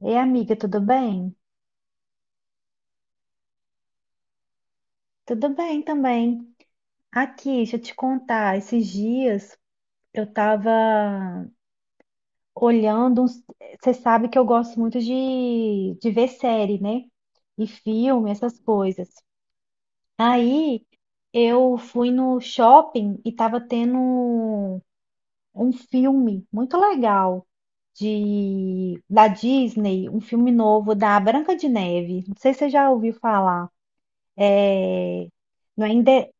Ei, amiga, tudo bem? Tudo bem também. Aqui, deixa eu te contar, esses dias eu tava olhando Você sabe que eu gosto muito de ver série, né? E filme, essas coisas. Aí eu fui no shopping e tava tendo um filme muito legal de da Disney, um filme novo da Branca de Neve. Não sei se você já ouviu falar. É, Não é,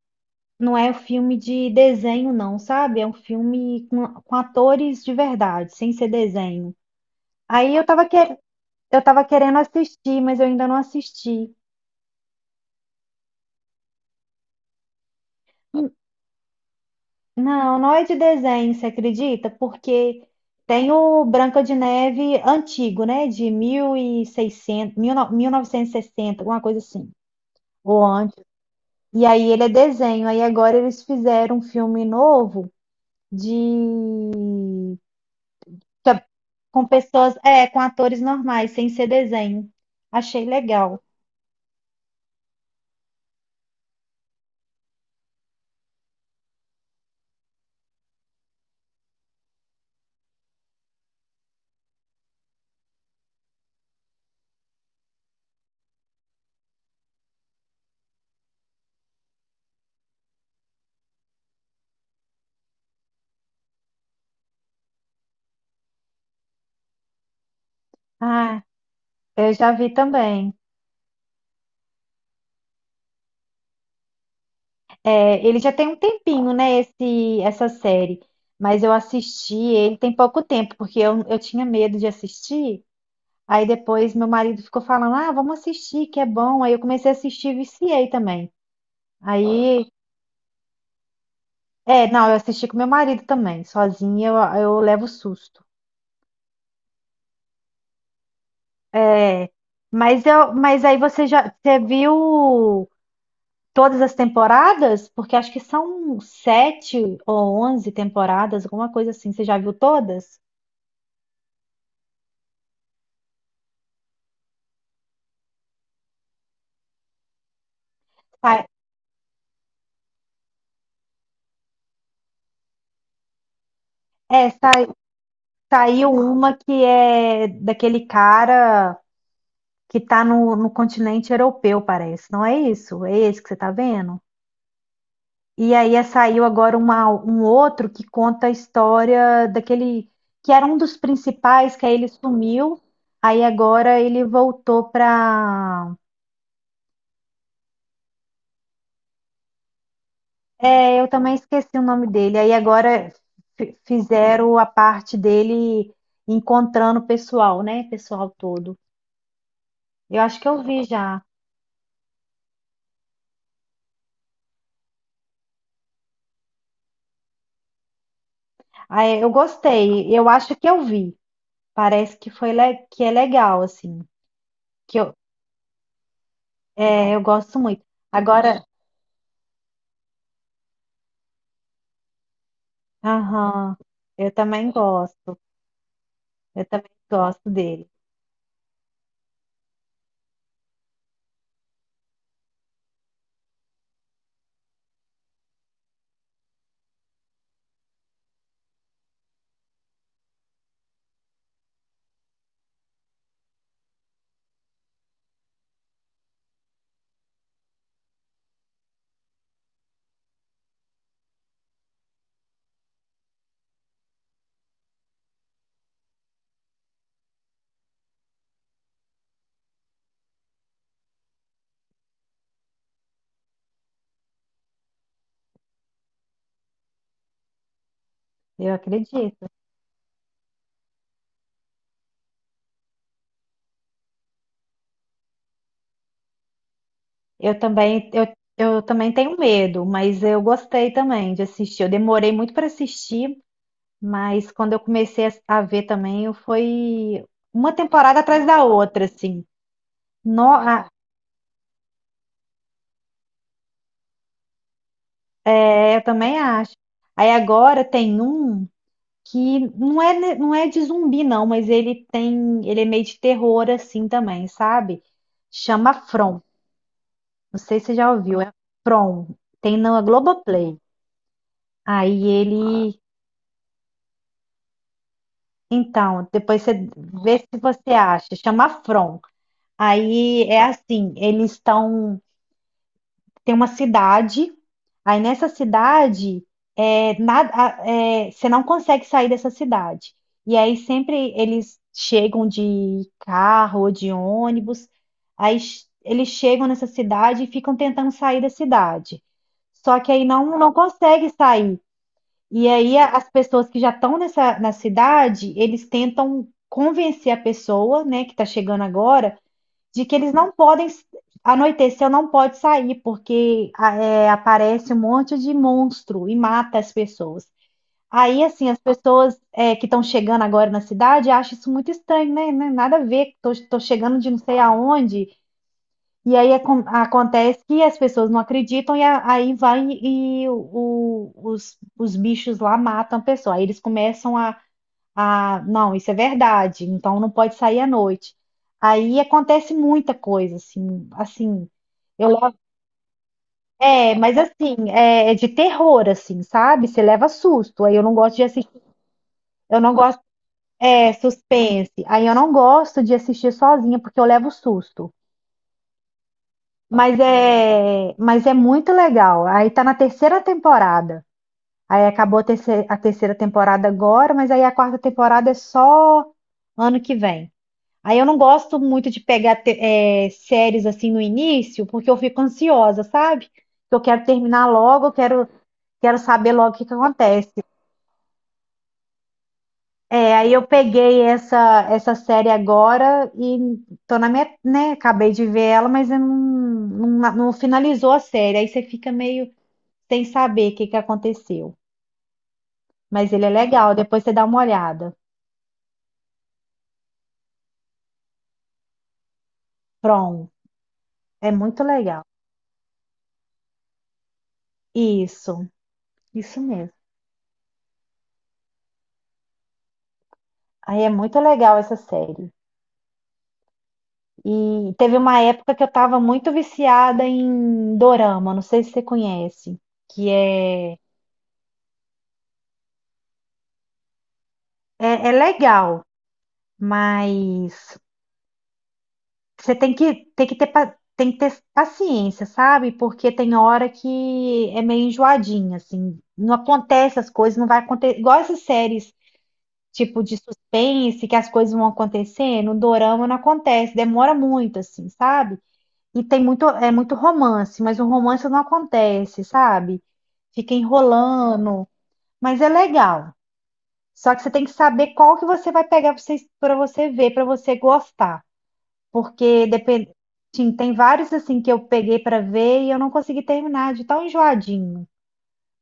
Não é um filme de desenho, não, sabe? É um filme com atores de verdade, sem ser desenho. Aí eu tava, que, eu tava querendo assistir, mas eu ainda não assisti. Hum, Não, não é de desenho, você acredita? Porque tem o Branca de Neve antigo, né? De 1600, 1960, alguma coisa assim, ou antes. E aí ele é desenho. Aí agora eles fizeram um filme novo de com pessoas, é, com atores normais, sem ser desenho. Achei legal. Ah, eu já vi também. É, ele já tem um tempinho, né, essa série. Mas eu assisti ele tem pouco tempo, porque eu tinha medo de assistir. Aí depois meu marido ficou falando, ah, vamos assistir, que é bom. Aí eu comecei a assistir e viciei também. Aí, é, não, eu assisti com meu marido também. Sozinha eu levo susto. É, mas aí você viu todas as temporadas? Porque acho que são sete ou onze temporadas, alguma coisa assim. Você já viu todas? Sa- É, sai- saiu uma que é daquele cara que tá no continente europeu, parece. Não é isso? É esse que você tá vendo? E aí saiu agora um outro que conta a história daquele que era um dos principais, que aí ele sumiu, aí agora ele voltou para... É, eu também esqueci o nome dele. Aí agora fizeram a parte dele encontrando o pessoal, né? Pessoal todo. Eu acho que eu vi já. Ah, é, eu gostei. Eu acho que eu vi. Parece que foi que é legal assim. Que eu, é, eu gosto muito. Agora, aham, eu também gosto. Eu também gosto dele. Eu acredito. Eu também eu, eu também tenho medo, mas eu gostei também de assistir. Eu demorei muito para assistir. Mas quando eu comecei a ver também, foi uma temporada atrás da outra, assim. No, é, eu também acho. Aí agora tem um que não é de zumbi, não, mas ele é meio de terror, assim também, sabe? Chama From. Não sei se você já ouviu. É From. Tem na Globoplay. Aí ele. Então, depois você vê se você acha. Chama From. Aí é assim, eles estão. Tem uma cidade, aí nessa cidade é, é, você não consegue sair dessa cidade. E aí sempre eles chegam de carro ou de ônibus, aí eles chegam nessa cidade e ficam tentando sair da cidade. Só que aí não consegue sair. E aí as pessoas que já estão nessa na cidade, eles tentam convencer a pessoa, né, que está chegando agora de que eles não podem, anoiteceu, não pode sair, porque é, aparece um monte de monstro e mata as pessoas. Aí, assim, as pessoas é, que estão chegando agora na cidade acham isso muito estranho, né? Não é nada a ver, tô chegando de não sei aonde, e aí acontece que as pessoas não acreditam, e aí vai e os bichos lá matam a pessoa. Aí eles começam a... Ah, não, isso é verdade. Então não pode sair à noite. Aí acontece muita coisa, assim, assim. Eu levo, é, mas assim, é, é de terror, assim, sabe? Você leva susto. Aí eu não gosto de assistir. Eu não gosto, é, suspense. Aí eu não gosto de assistir sozinha porque eu levo susto. Mas é muito legal. Aí tá na terceira temporada. Aí acabou a terceira temporada agora, mas aí a quarta temporada é só ano que vem. Aí eu não gosto muito de pegar séries assim no início, porque eu fico ansiosa, sabe? Eu quero terminar logo, quero saber logo o que que acontece. É, aí eu peguei essa série agora e tô na minha, né, acabei de ver ela, mas eu não finalizou a série. Aí você fica meio sem saber o que que aconteceu. Mas ele é legal, depois você dá uma olhada. Pronto, é muito legal. Isso, isso mesmo. Aí é muito legal essa série. E teve uma época que eu estava muito viciada em dorama, não sei se você conhece, que é, é, é legal, mas você tem que, tem que ter paciência, sabe? Porque tem hora que é meio enjoadinha, assim, não acontece as coisas, não vai acontecer. Igual essas séries tipo de suspense, que as coisas vão acontecendo, o dorama não acontece, demora muito, assim, sabe? E tem muito, é muito romance, mas o romance não acontece, sabe? Fica enrolando, mas é legal. Só que você tem que saber qual que você vai pegar para você ver, para você gostar. Porque depende, sim, tem vários assim que eu peguei para ver e eu não consegui terminar de tão enjoadinho.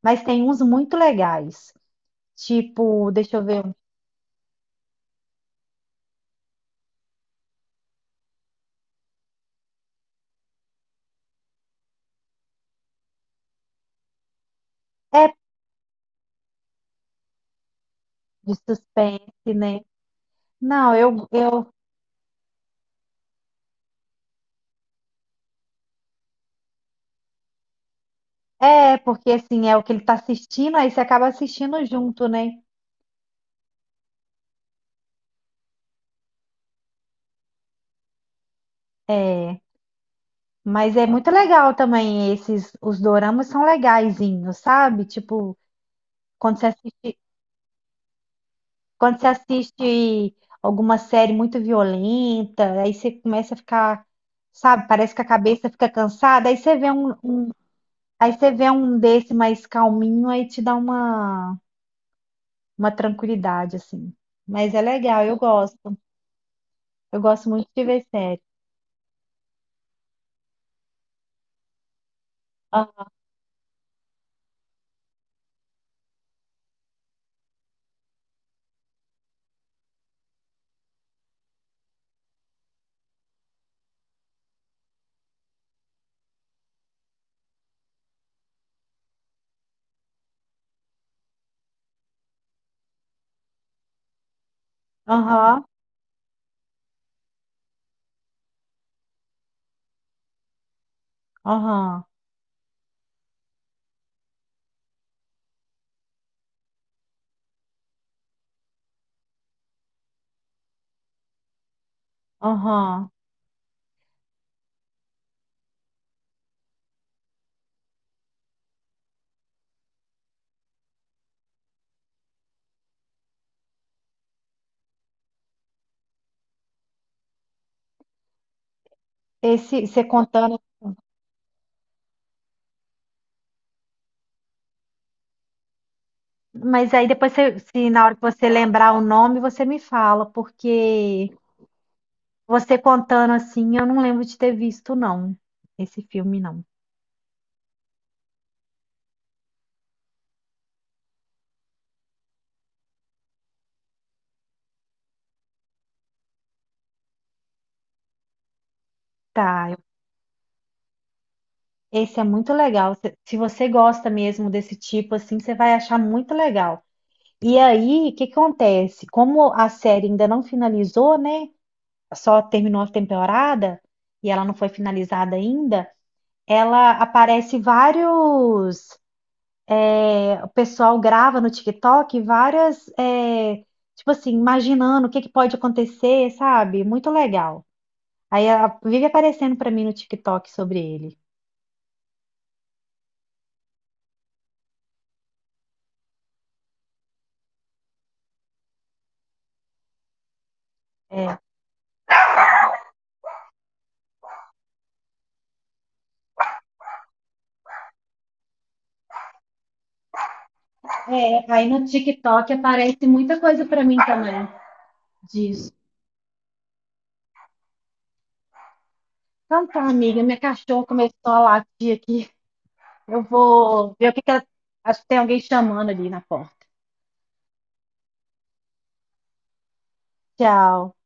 Mas tem uns muito legais. Tipo, deixa eu ver, é de suspense, né? Não, eu é porque assim é o que ele tá assistindo, aí você acaba assistindo junto, né? É. Mas é muito legal também esses, os doramas são legaisinhos, sabe? Tipo, quando você assiste, quando você assiste alguma série muito violenta, aí você começa a ficar, sabe? Parece que a cabeça fica cansada, aí você vê aí você vê um desse mais calminho, aí te dá uma tranquilidade, assim. Mas é legal, eu gosto. Eu gosto muito de ver série. Ah, aham, aham, aham. Esse, você contando... Mas aí depois, se na hora que você lembrar o nome, você me fala, porque você contando assim, eu não lembro de ter visto, não, esse filme, não. Tá, eu- esse é muito legal. Se se você gosta mesmo desse tipo, assim, você vai achar muito legal. E aí, o que que acontece? Como a série ainda não finalizou, né? Só terminou a temporada e ela não foi finalizada ainda, ela aparece vários é, o pessoal grava no TikTok várias, é, tipo assim, imaginando o que que pode acontecer, sabe? Muito legal. Vive aparecendo pra mim no TikTok sobre ele. É, é, aí no TikTok aparece muita coisa pra mim também disso. Então tá, amiga, minha cachorra começou a latir aqui. Eu vou ver o que que ela... Acho que tem alguém chamando ali na porta. Tchau.